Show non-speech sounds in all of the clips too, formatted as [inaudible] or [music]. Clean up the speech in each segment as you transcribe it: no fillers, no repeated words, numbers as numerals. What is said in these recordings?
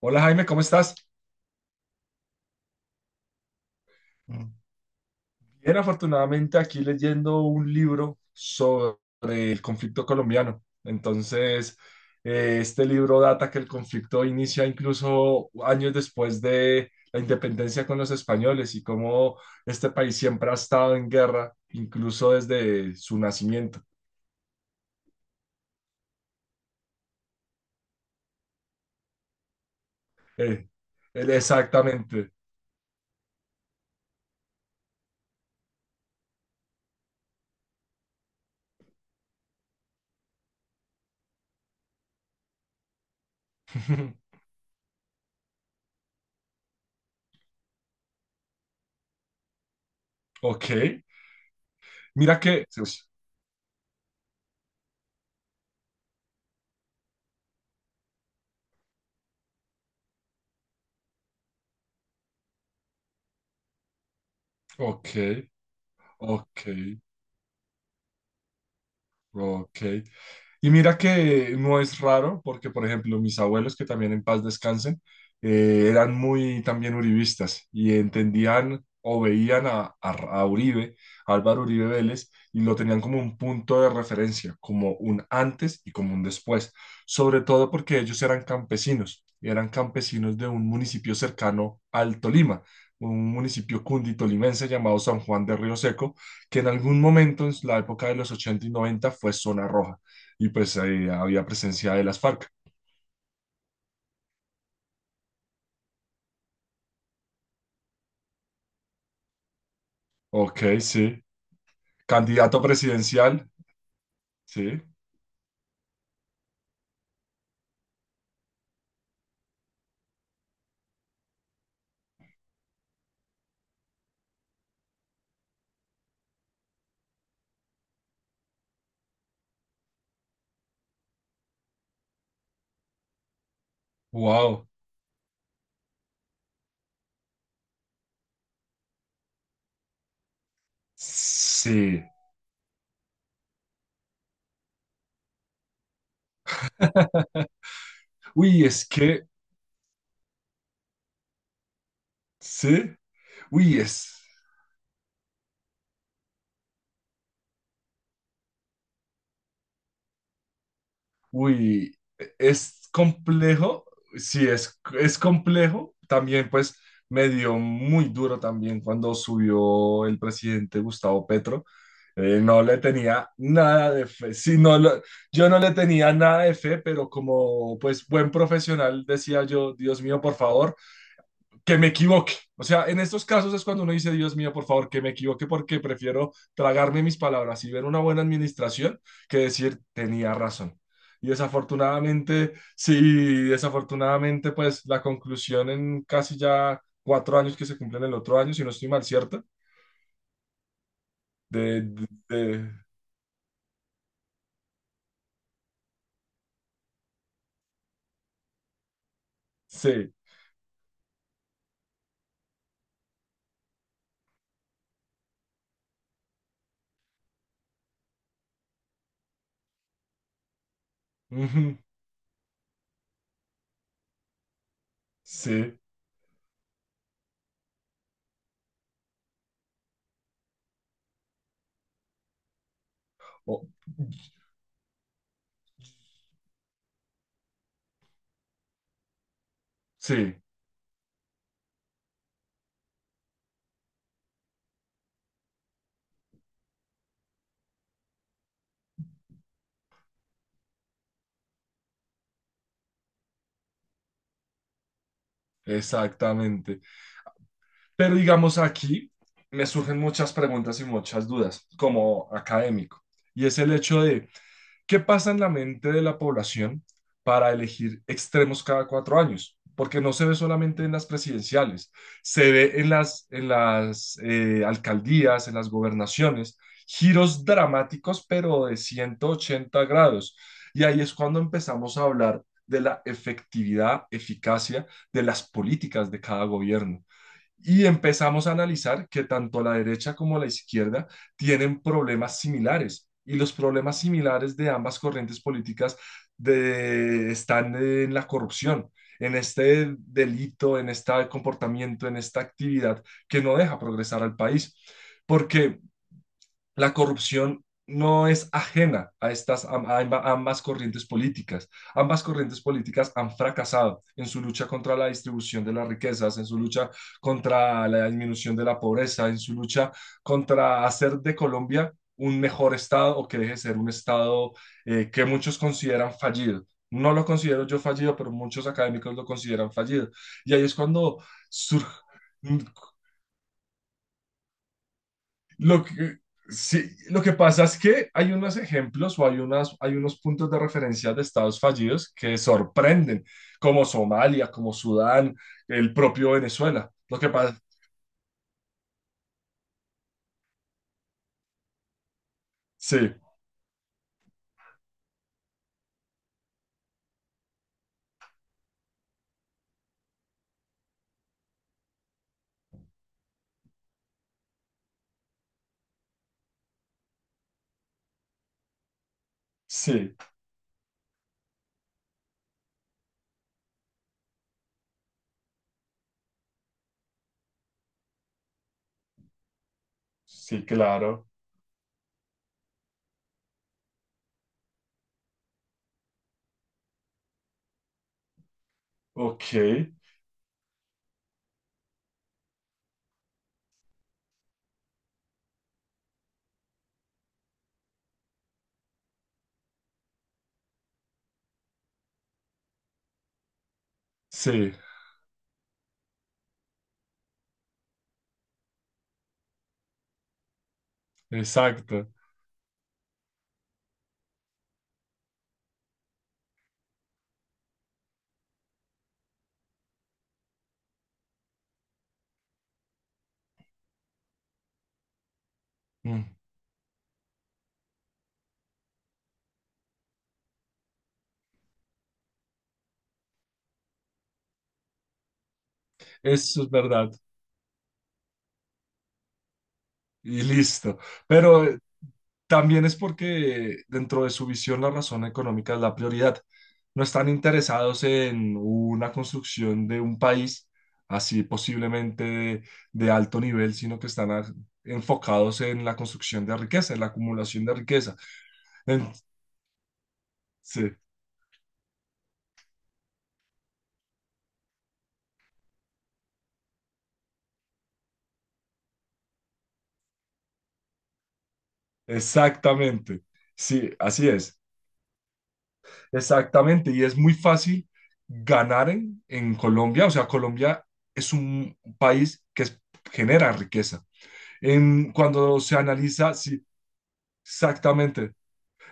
Hola Jaime, ¿cómo estás? Bien, afortunadamente aquí leyendo un libro sobre el conflicto colombiano. Entonces, este libro data que el conflicto inicia incluso años después de la independencia con los españoles y cómo este país siempre ha estado en guerra, incluso desde su nacimiento. Eh, Exactamente. [laughs] Ok. Mira que... Ok, ok, ok. Y mira que no es raro, porque por ejemplo mis abuelos, que también en paz descansen, eran muy también uribistas y entendían o veían a, a Uribe, a Álvaro Uribe Vélez, y lo tenían como un punto de referencia, como un antes y como un después, sobre todo porque ellos eran campesinos de un municipio cercano al Tolima, un municipio cunditolimense llamado San Juan de Río Seco, que en algún momento, en la época de los 80 y 90 fue zona roja y pues ahí había presencia de las FARC. Ok, sí. Candidato presidencial, sí. Wow, sí. Uy, es que, sí. Uy, es. Uy, es complejo, sí, es complejo. También, pues, me dio muy duro también cuando subió el presidente Gustavo Petro. No le tenía nada de fe. Yo no le tenía nada de fe, pero como, pues, buen profesional, decía yo, Dios mío, por favor que me equivoque. O sea, en estos casos es cuando uno dice, Dios mío, por favor, que me equivoque porque prefiero tragarme mis palabras y ver una buena administración que decir, tenía razón. Y desafortunadamente, sí, desafortunadamente, pues la conclusión en casi ya cuatro años que se cumplen el otro año, si no estoy mal, ¿cierto? De, de- de- sí, ujú, sí, o- sí, exactamente. Pero digamos aquí me surgen muchas preguntas y muchas dudas como académico. Y es el hecho de qué pasa en la mente de la población para elegir extremos cada cuatro años. Porque no se ve solamente en las presidenciales, se ve en las, en las alcaldías, en las gobernaciones, giros dramáticos, pero de 180 grados. Y ahí es cuando empezamos a hablar de la efectividad, eficacia de las políticas de cada gobierno y empezamos a analizar que tanto la derecha como la izquierda tienen problemas similares y los problemas similares de ambas corrientes políticas están en la corrupción, en este delito, en este comportamiento, en esta actividad que no deja progresar al país. Porque la corrupción no es ajena a estas a ambas corrientes políticas. Ambas corrientes políticas han fracasado en su lucha contra la distribución de las riquezas, en su lucha contra la disminución de la pobreza, en su lucha contra hacer de Colombia un mejor estado o que deje de ser un estado que muchos consideran fallido. No lo considero yo fallido, pero muchos académicos lo consideran fallido. Y ahí es cuando surge lo que, sí, lo que pasa es que hay unos ejemplos o hay, unas, hay unos puntos de referencia de estados fallidos que sorprenden, como Somalia, como Sudán, el propio Venezuela. Lo que pasa, sí, sí, sí, claro. Ok, sí, exacto. Mm, eso es verdad. Y listo. Pero también es porque dentro de su visión la razón económica es la prioridad. No están interesados en una construcción de un país así posiblemente de alto nivel, sino que están enfocados en la construcción de riqueza, en la acumulación de riqueza. En- sí, exactamente. Sí, así es. Exactamente. Y es muy fácil ganar en Colombia. O sea, Colombia es un país que genera riqueza. En, cuando se analiza, sí, exactamente,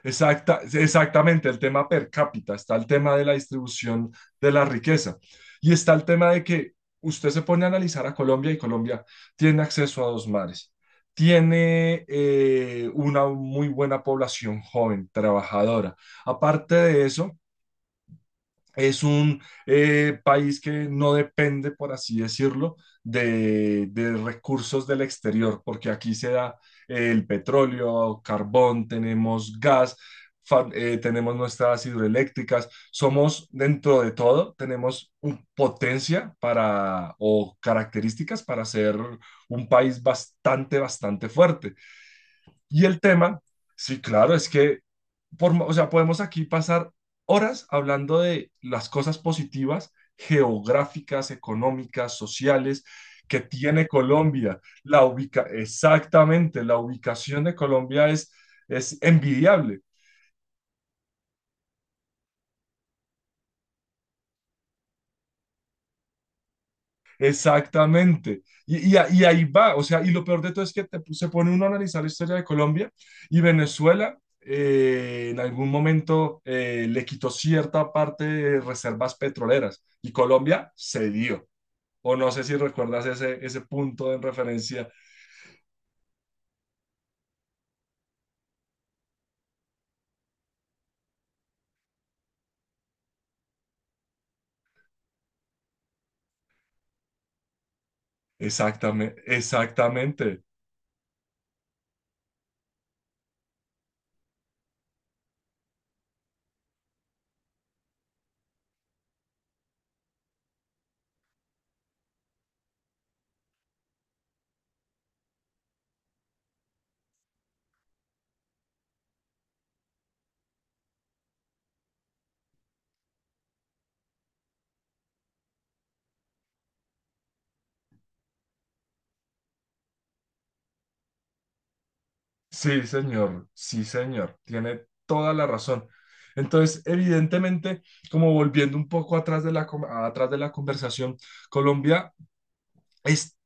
exacta, exactamente, el tema per cápita, está el tema de la distribución de la riqueza y está el tema de que usted se pone a analizar a Colombia y Colombia tiene acceso a dos mares, tiene una muy buena población joven, trabajadora. Aparte de eso, es un país que no depende, por así decirlo, de recursos del exterior, porque aquí se da el petróleo, carbón, tenemos gas, tenemos nuestras hidroeléctricas, somos dentro de todo, tenemos potencia para o características para ser un país bastante, bastante fuerte. Y el tema, sí, claro, es que por, o sea, podemos aquí pasar horas hablando de las cosas positivas geográficas, económicas, sociales que tiene Colombia. La ubica, exactamente, la ubicación de Colombia es envidiable. Exactamente. Y, y ahí va, o sea, y lo peor de todo es que se pone uno a analizar la historia de Colombia y Venezuela en algún momento le quitó cierta parte de reservas petroleras y Colombia cedió. O no sé si recuerdas ese, ese punto en referencia. Exactamente, exactamente. Sí, señor, sí, señor. Tiene toda la razón. Entonces, evidentemente, como volviendo un poco atrás de la, atrás de la conversación, Colombia es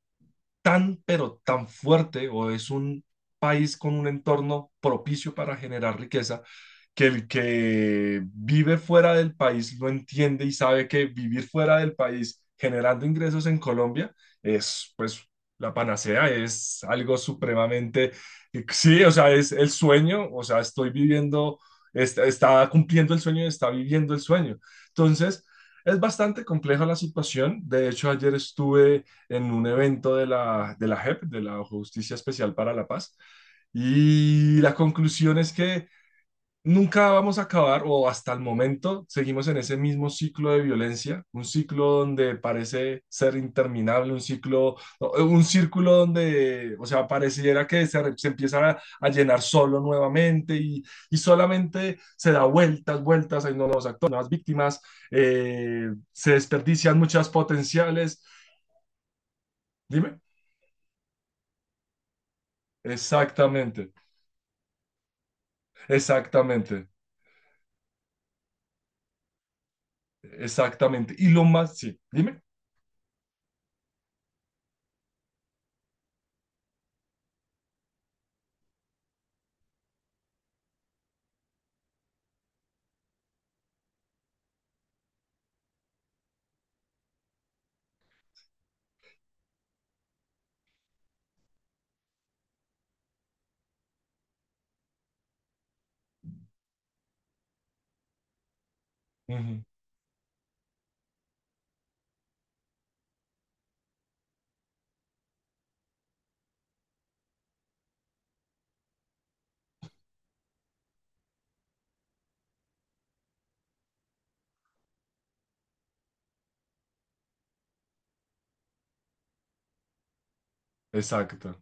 tan, pero tan fuerte o es un país con un entorno propicio para generar riqueza, que el que vive fuera del país lo entiende y sabe que vivir fuera del país generando ingresos en Colombia es pues la panacea, es algo supremamente, sí, o sea, es el sueño, o sea, estoy viviendo, está, está cumpliendo el sueño, está viviendo el sueño. Entonces, es bastante compleja la situación. De hecho, ayer estuve en un evento de la JEP, de la Justicia Especial para la Paz. Y la conclusión es que nunca vamos a acabar, o hasta el momento seguimos en ese mismo ciclo de violencia, un ciclo donde parece ser interminable, un ciclo, no, un círculo donde, o sea, pareciera que se empieza a, llenar solo nuevamente y, solamente se da vueltas, vueltas, hay nuevos actores, nuevas víctimas, se desperdician muchas potenciales. Dime. Exactamente, exactamente, exactamente. Y lo más, sí, dime. Ujú, exacto,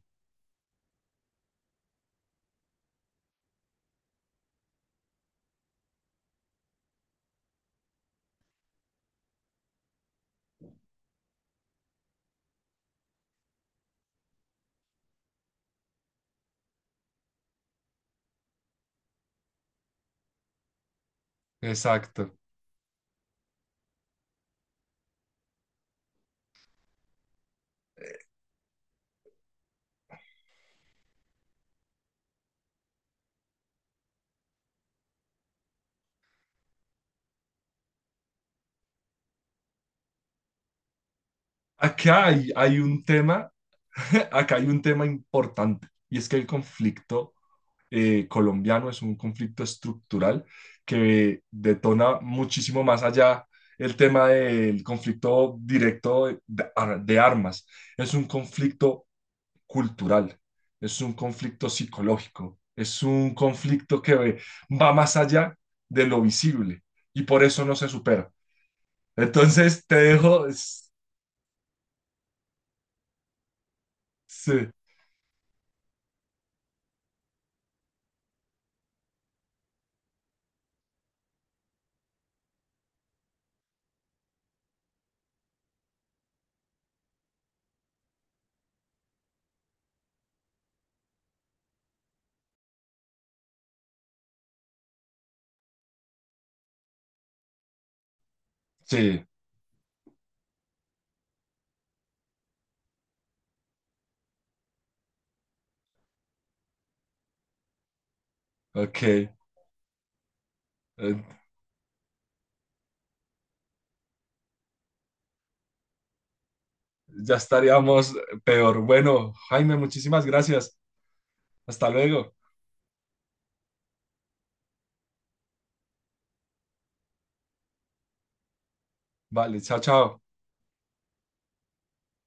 exacto. Acá hay, hay un tema, [laughs] acá hay un tema importante, y es que el conflicto colombiano es un conflicto estructural que detona muchísimo más allá el tema del conflicto directo de armas. Es un conflicto cultural, es un conflicto psicológico, es un conflicto que va más allá de lo visible y por eso no se supera. Entonces te dejo, sí, sí, ok, ya estaríamos peor. Bueno, Jaime, muchísimas gracias. Hasta luego. Vale, chao, chao.